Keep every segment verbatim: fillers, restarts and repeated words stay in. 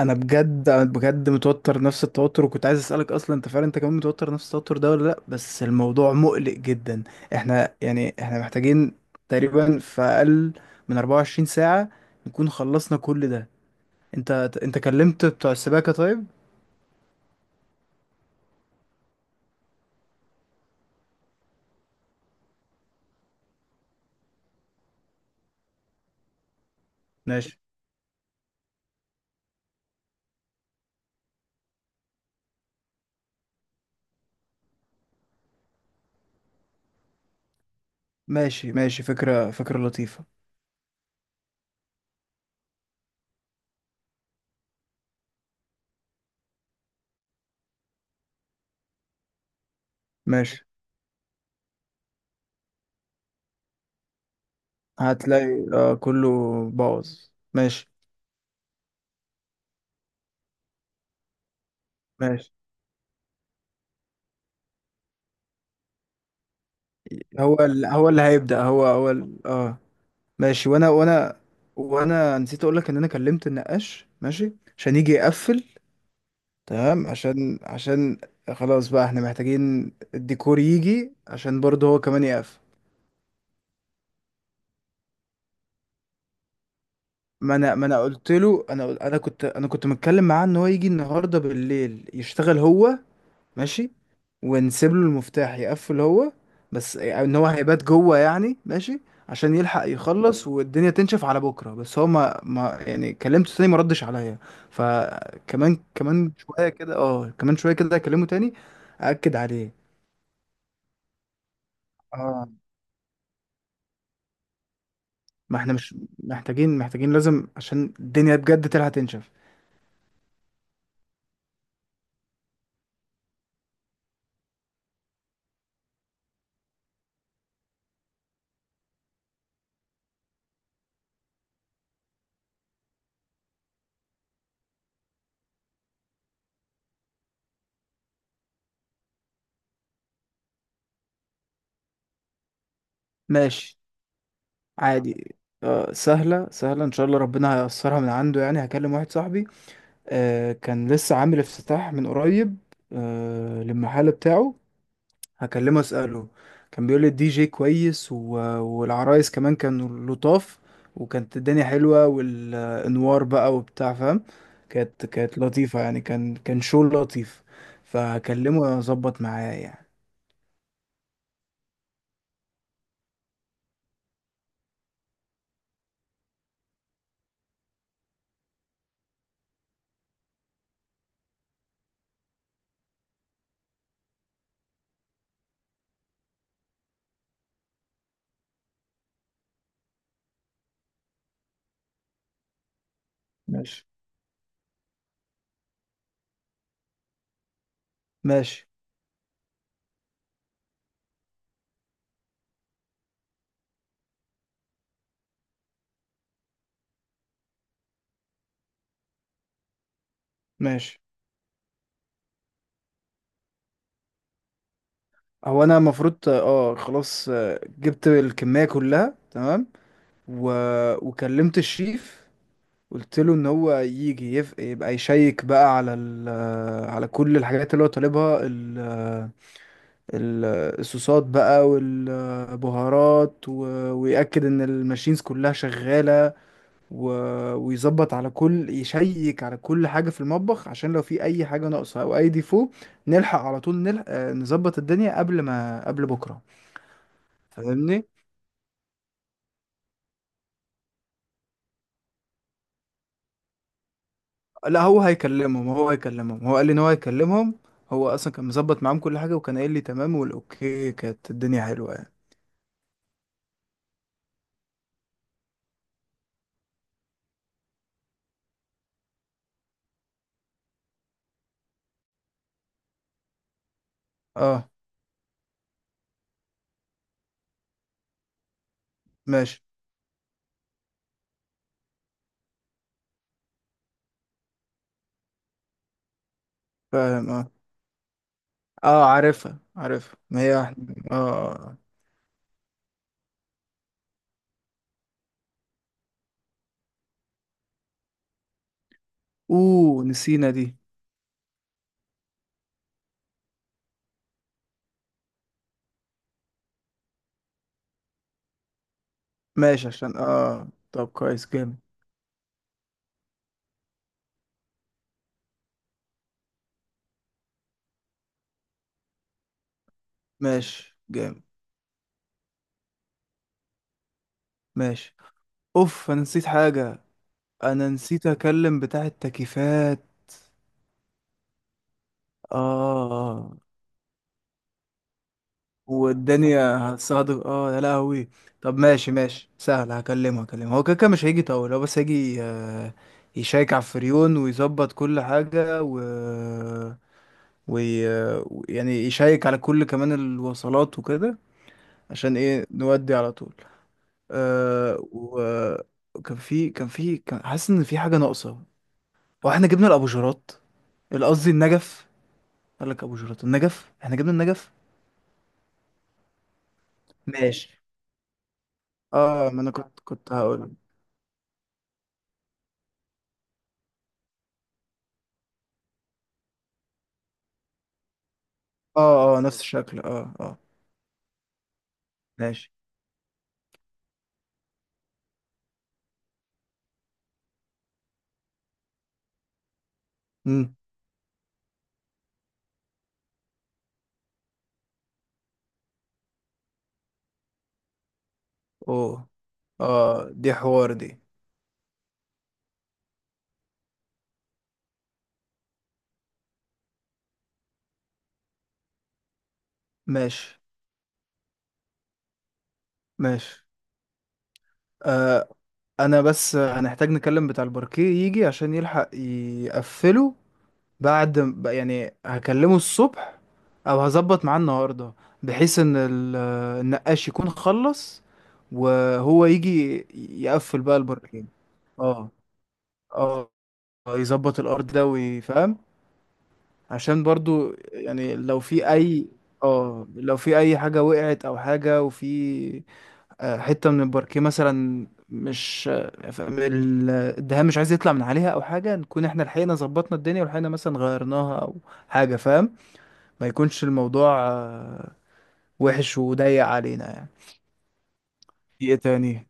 انا بجد انا بجد متوتر، نفس التوتر، وكنت عايز اسالك اصلا انت فعلا انت كمان متوتر نفس التوتر ده ولا لا؟ بس الموضوع مقلق جدا. احنا يعني احنا محتاجين، تقريبا، في اقل من اربعه وعشرين ساعه نكون خلصنا كل ده. انت انت كلمت بتوع السباكه طيب؟ ماشي، ماشي، ماشي، فكره فكره لطيفه. ماشي. هتلاقي آه كله باظ. ماشي، ماشي. هو ال... هو اللي هيبدا، هو هو ال... اه ماشي. وانا وانا وانا نسيت اقول لك ان انا كلمت النقاش، ماشي، عشان يجي يقفل. تمام، عشان عشان خلاص بقى احنا محتاجين الديكور يجي عشان برضه هو كمان يقفل. ما انا ما انا قلت له انا انا كنت انا كنت متكلم معاه ان هو يجي النهارده بالليل يشتغل هو. ماشي. ونسيب له المفتاح يقفل هو. بس ان هو هيبات جوه يعني، ماشي، عشان يلحق يخلص والدنيا تنشف على بكره. بس هو ما, ما يعني كلمته تاني، ما ردش عليا. فكمان كمان شويه كده اه كمان شويه كده اكلمه تاني، اكد عليه. اه. ما احنا مش محتاجين محتاجين لازم، عشان الدنيا بجد تلحق تنشف. ماشي، عادي. آه، سهله سهله، ان شاء الله ربنا هيأثرها من عنده يعني. هكلم واحد صاحبي آه كان لسه عامل افتتاح من قريب، آه، للمحل بتاعه. هكلمه، اسأله. كان بيقول لي الدي جي كويس، و... والعرايس كمان كانوا لطاف، وكانت الدنيا حلوة، والانوار بقى وبتاع فاهم. كانت كانت لطيفة يعني، كان كان شو لطيف. فهكلمه اظبط معاه يعني. ماشي، ماشي، ماشي. هو انا المفروض، اه خلاص، آه، جبت الكمية كلها تمام. و... وكلمت الشيف. قلت له ان هو يجي، يف... يبقى يشيك بقى على ال... على كل الحاجات اللي هو طالبها، ال... ال- الصوصات بقى والبهارات، و... ويأكد ان الماشينز كلها شغالة، و... ويظبط على كل، يشيك على كل حاجة في المطبخ عشان لو في اي حاجة ناقصة او اي ديفو نلحق على طول، نلحق... نظبط الدنيا قبل ما قبل بكرة. فاهمني؟ لا، هو هيكلمهم، هو هيكلمهم، هو قال لي ان هو هيكلمهم. هو اصلا كان مظبط معاهم كل حاجه، وكان قايل لي تمام والاوكي، كانت الدنيا حلوه يعني. اه، ماشي. فاهم، اه، اه، عارفها عارفها، ما هي واحده اه. آه. اوه، نسينا دي. ماشي. عشان اه طب كويس جامد. ماشي، جامد. ماشي. اوف، انا نسيت حاجه. انا نسيت اكلم بتاع التكييفات. اه. آه. والدنيا صادق، اه، يا لهوي. طب، ماشي ماشي، سهل. هكلمه هكلمه هو كده كده مش هيجي طول، هو بس هيجي، آه، يشيك على الفريون ويظبط كل حاجة، و... وي... يعني يشيك على كل كمان الوصلات وكده عشان ايه نودي على طول. أه. وكان في كان في كان حاسس ان في حاجة ناقصة. واحنا جبنا الابوجرات، قصدي النجف. قال لك ابوجرات؟ النجف. احنا جبنا النجف. ماشي، اه، ما انا كنت كنت هقول. اه اه، نفس الشكل، اه اه. ماشي. امم. اوه. اه، دي حوار دي. ماشي، ماشي، آه. انا بس هنحتاج نكلم بتاع الباركيه، يجي عشان يلحق يقفله. بعد ب- يعني هكلمه الصبح، او هظبط معاه النهارده بحيث ان ال- النقاش يكون خلص، وهو يجي يقفل بقى الباركيه. اه. اه، يظبط الارض ده ويفهم. عشان برضو يعني، لو في اي، اه لو في اي حاجة وقعت او حاجة، وفي آه، حتة من الباركيه مثلا مش، آه، ف- ال- الدهان مش عايز يطلع من عليها او حاجة، نكون احنا لحقنا ظبطنا الدنيا ولحقنا مثلا غيرناها او حاجة، فاهم؟ ما يكونش الموضوع آه، وحش وضيق علينا يعني. في ايه تاني؟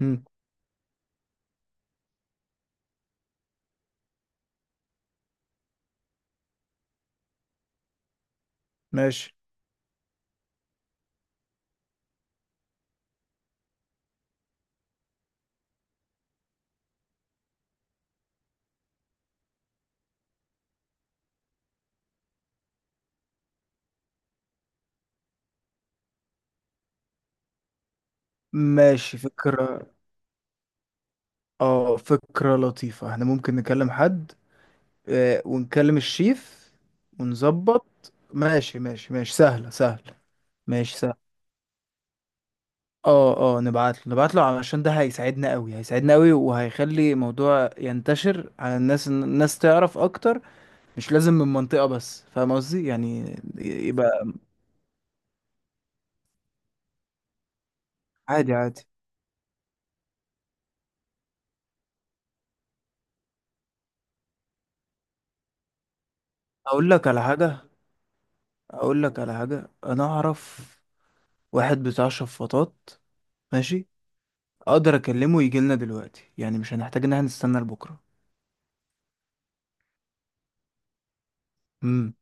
مم. ماشي، ماشي، فكرة، اه فكرة لطيفة. احنا ممكن نكلم حد آه، ونكلم الشيف ونظبط. ماشي، ماشي، ماشي، سهلة سهلة. ماشي، سهلة. اه اه، نبعت له نبعت له علشان ده هيساعدنا قوي، هيساعدنا قوي، وهيخلي الموضوع ينتشر على الناس، الناس تعرف اكتر. مش لازم من منطقة بس، فاهم قصدي؟ يعني يبقى عادي، عادي. اقول لك على حاجة اقول لك على حاجة، انا اعرف واحد بتاع شفاطات. ماشي، اقدر اكلمه يجي لنا دلوقتي، يعني مش هنحتاج ان احنا نستنى لبكرة. امم،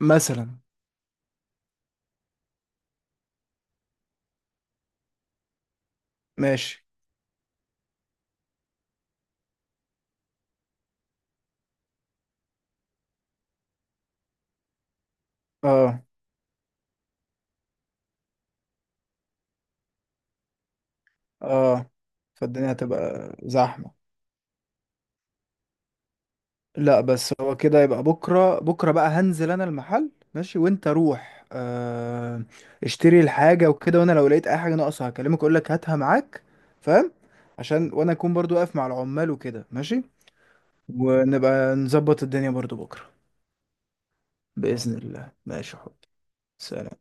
مثلا. ماشي. اه اه. فالدنيا هتبقى زحمة. لا، بس هو كده يبقى. بكرة بكرة بقى هنزل انا المحل، ماشي، وانت روح، آه، اشتري الحاجة وكده، وانا لو لقيت اي حاجة ناقصة هكلمك اقول لك هاتها معاك، فاهم؟ عشان وانا اكون برضو واقف مع العمال وكده، ماشي. ونبقى نظبط الدنيا برضو بكرة. بإذن الله، ماشي يا حبيبي، سلام.